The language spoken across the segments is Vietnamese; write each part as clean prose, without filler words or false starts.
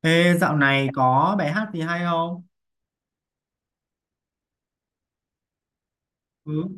Ê, dạo này có bài hát gì hay không? Ừ.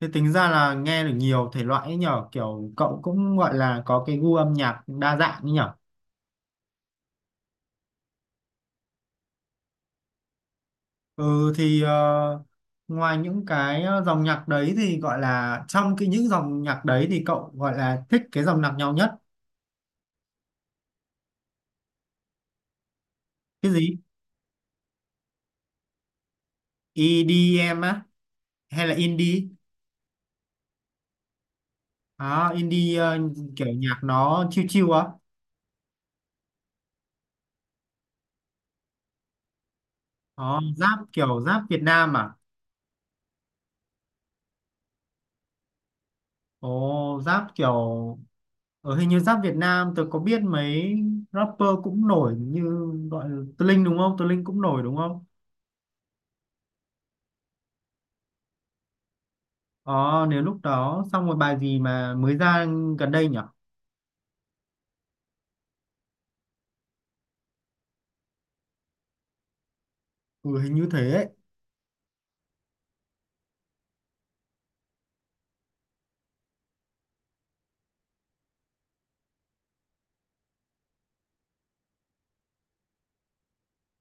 Thế tính ra là nghe được nhiều thể loại ấy nhở, kiểu cậu cũng gọi là có cái gu âm nhạc đa dạng ấy nhở. Ừ thì ngoài những cái dòng nhạc đấy thì gọi là trong cái những dòng nhạc đấy thì cậu gọi là thích cái dòng nhạc nhau nhất. Cái gì? EDM á hay là indie? À, indie kiểu nhạc nó chill chill á. Đó, rap kiểu rap Việt Nam à? Ồ, rap kiểu ở hình như rap Việt Nam tôi có biết mấy rapper cũng nổi như gọi là Tơ Linh đúng không? Tơ Linh cũng nổi đúng không? Ờ nếu lúc đó xong rồi bài gì mà mới ra gần đây nhỉ? Ừ hình như thế ấy.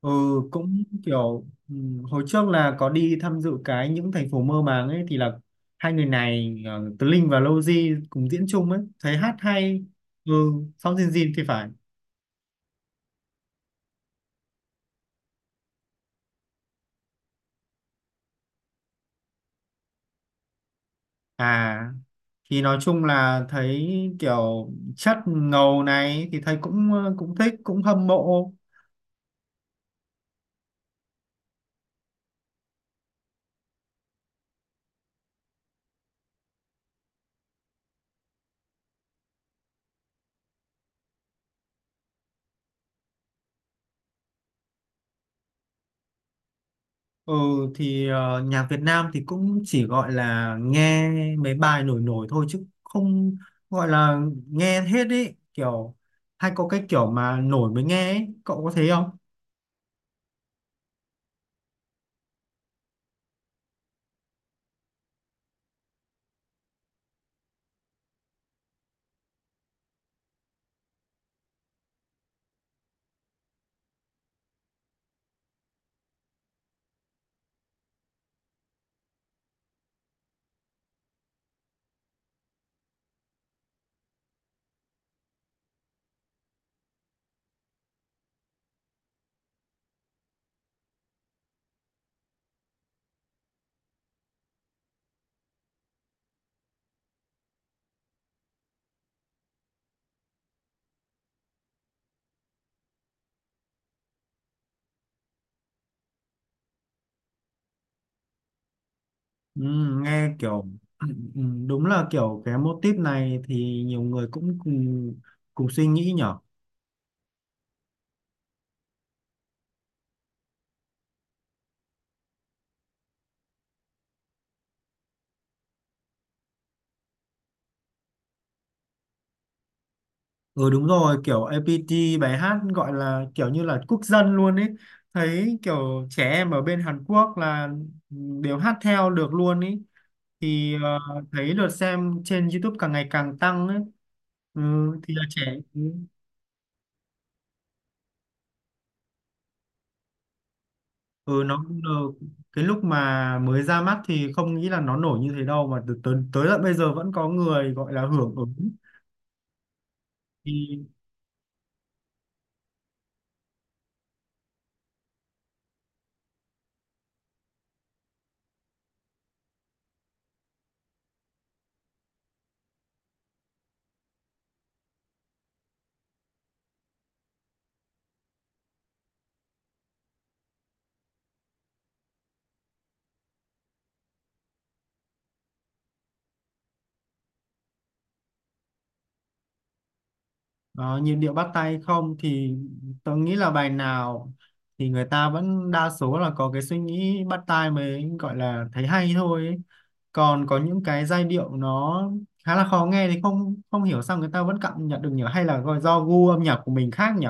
Ừ cũng kiểu ừ, hồi trước là có đi tham dự cái những thành phố mơ màng ấy thì là hai người này Tơ Linh và Lowzy cùng diễn chung ấy, thấy hát hay. Ừ sau Dìn Dìn thì phải. À thì nói chung là thấy kiểu chất ngầu này thì thấy cũng thích cũng hâm mộ. Ừ thì nhạc Việt Nam thì cũng chỉ gọi là nghe mấy bài nổi nổi thôi chứ không gọi là nghe hết ý kiểu hay có cái kiểu mà nổi mới nghe ấy. Cậu có thấy không? Ừ, nghe kiểu ừ, ừ, đúng là kiểu cái motif này thì nhiều người cũng cùng cùng suy nghĩ nhở. Ừ đúng rồi, kiểu APT bài hát gọi là kiểu như là quốc dân luôn ấy. Thấy kiểu trẻ em ở bên Hàn Quốc là đều hát theo được luôn ấy. Thì thấy lượt xem trên YouTube càng ngày càng tăng ấy. Ừ, thì là trẻ. Ừ, ừ, nó cũng được. Cái lúc mà mới ra mắt thì không nghĩ là nó nổi như thế đâu mà tới tận bây giờ vẫn có người gọi là hưởng ứng. Thì đó, nhịp điệu bắt tay không thì tôi nghĩ là bài nào thì người ta vẫn đa số là có cái suy nghĩ bắt tai mới gọi là thấy hay thôi ấy. Còn có những cái giai điệu nó khá là khó nghe thì không không hiểu sao người ta vẫn cảm nhận được nhỉ hay là gọi do gu âm nhạc của mình khác nhỉ?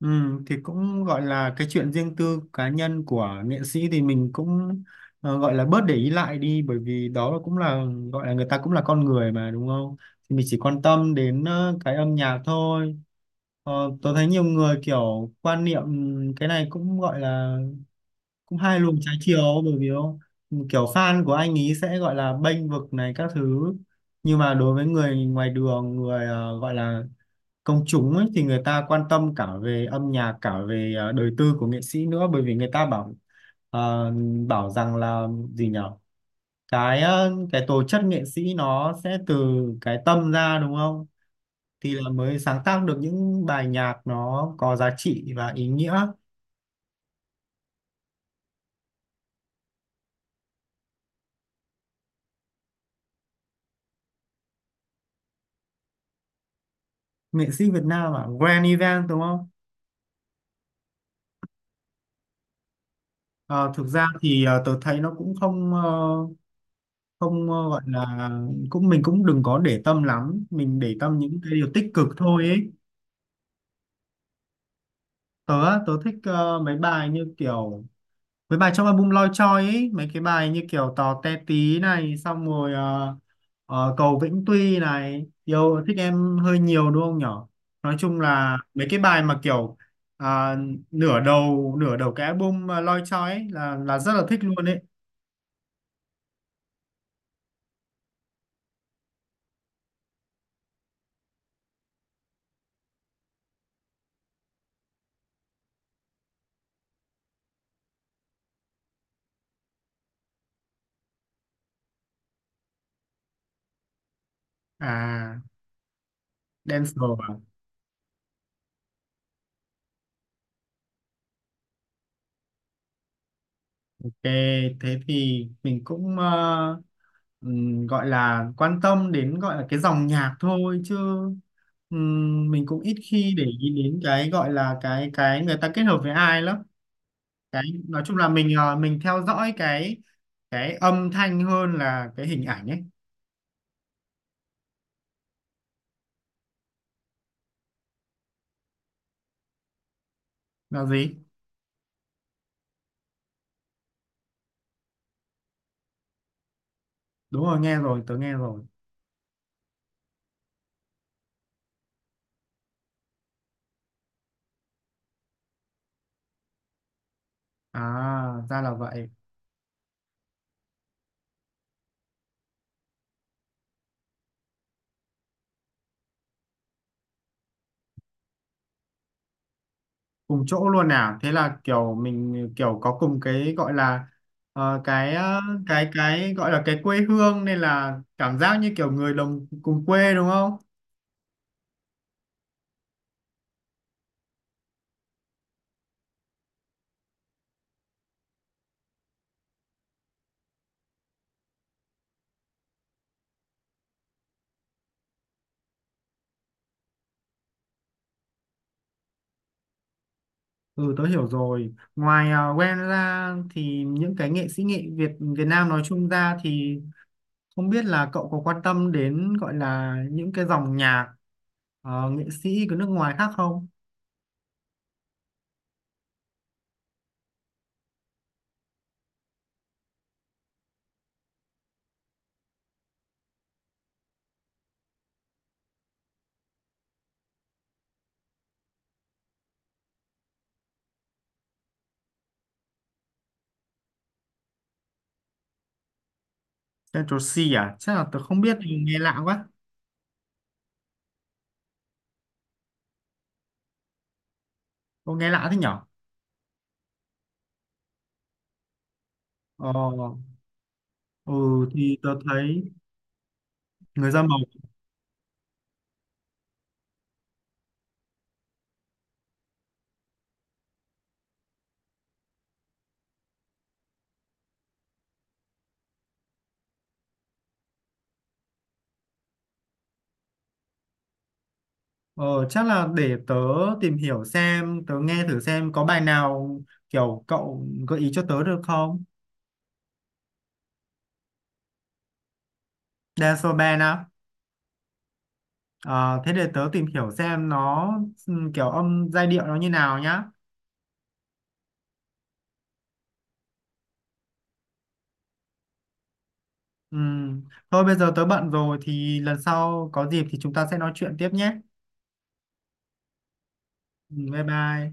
Ừ, thì cũng gọi là cái chuyện riêng tư cá nhân của nghệ sĩ thì mình cũng gọi là bớt để ý lại đi bởi vì đó là cũng là gọi là người ta cũng là con người mà đúng không? Thì mình chỉ quan tâm đến cái âm nhạc thôi. Ờ, tớ thấy nhiều người kiểu quan niệm cái này cũng gọi là cũng hai luồng trái chiều bởi vì không? Kiểu fan của anh ý sẽ gọi là bênh vực này các thứ nhưng mà đối với người ngoài đường người gọi là công chúng ấy thì người ta quan tâm cả về âm nhạc cả về đời tư của nghệ sĩ nữa bởi vì người ta bảo ờ, bảo rằng là gì nhở cái cái tố chất nghệ sĩ nó sẽ từ cái tâm ra đúng không? Thì là mới sáng tác được những bài nhạc nó có giá trị và ý nghĩa nghệ sĩ Việt Nam à Grand Event đúng không. Ờ, thực ra thì tớ thấy nó cũng không gọi là cũng mình cũng đừng có để tâm lắm mình để tâm những cái điều tích cực thôi ấy. Tớ á, tớ thích mấy bài như kiểu với bài trong album Loi Choi ấy mấy cái bài như kiểu Tò Te Tí này xong rồi Cầu Vĩnh Tuy này yêu thích em hơi nhiều đúng không nhở nói chung là mấy cái bài mà kiểu à, nửa đầu cái album Loi Choi ấy là rất là thích luôn ấy. À Dancer à? Ok, thế thì mình cũng gọi là quan tâm đến gọi là cái dòng nhạc thôi chứ mình cũng ít khi để ý đến cái gọi là cái người ta kết hợp với ai lắm. Cái nói chung là mình theo dõi cái âm thanh hơn là cái hình ảnh ấy. Là gì? Đúng rồi, nghe rồi, tớ nghe rồi. À, ra là vậy. Cùng chỗ luôn nào thế là kiểu mình kiểu có cùng cái gọi là ờ, cái ờ, cái gọi là cái quê hương nên là cảm giác như kiểu người đồng cùng quê đúng không. Ừ tớ hiểu rồi ngoài Gwen ra thì những cái nghệ sĩ nghệ Việt Việt Nam nói chung ra thì không biết là cậu có quan tâm đến gọi là những cái dòng nhạc nghệ sĩ của nước ngoài khác không. Central C à chắc là tớ không biết nghe lạ quá, có nghe lạ thế nhở. Ờ, ừ thì tớ thấy người da màu ờ, chắc là để tớ tìm hiểu xem tớ nghe thử xem có bài nào kiểu cậu gợi ý cho tớ được không. Dance band á? Ờ, thế để tớ tìm hiểu xem nó kiểu âm giai điệu nó như nào nhá. Ừm, thôi bây giờ tớ bận rồi thì lần sau có dịp thì chúng ta sẽ nói chuyện tiếp nhé. Bye bye.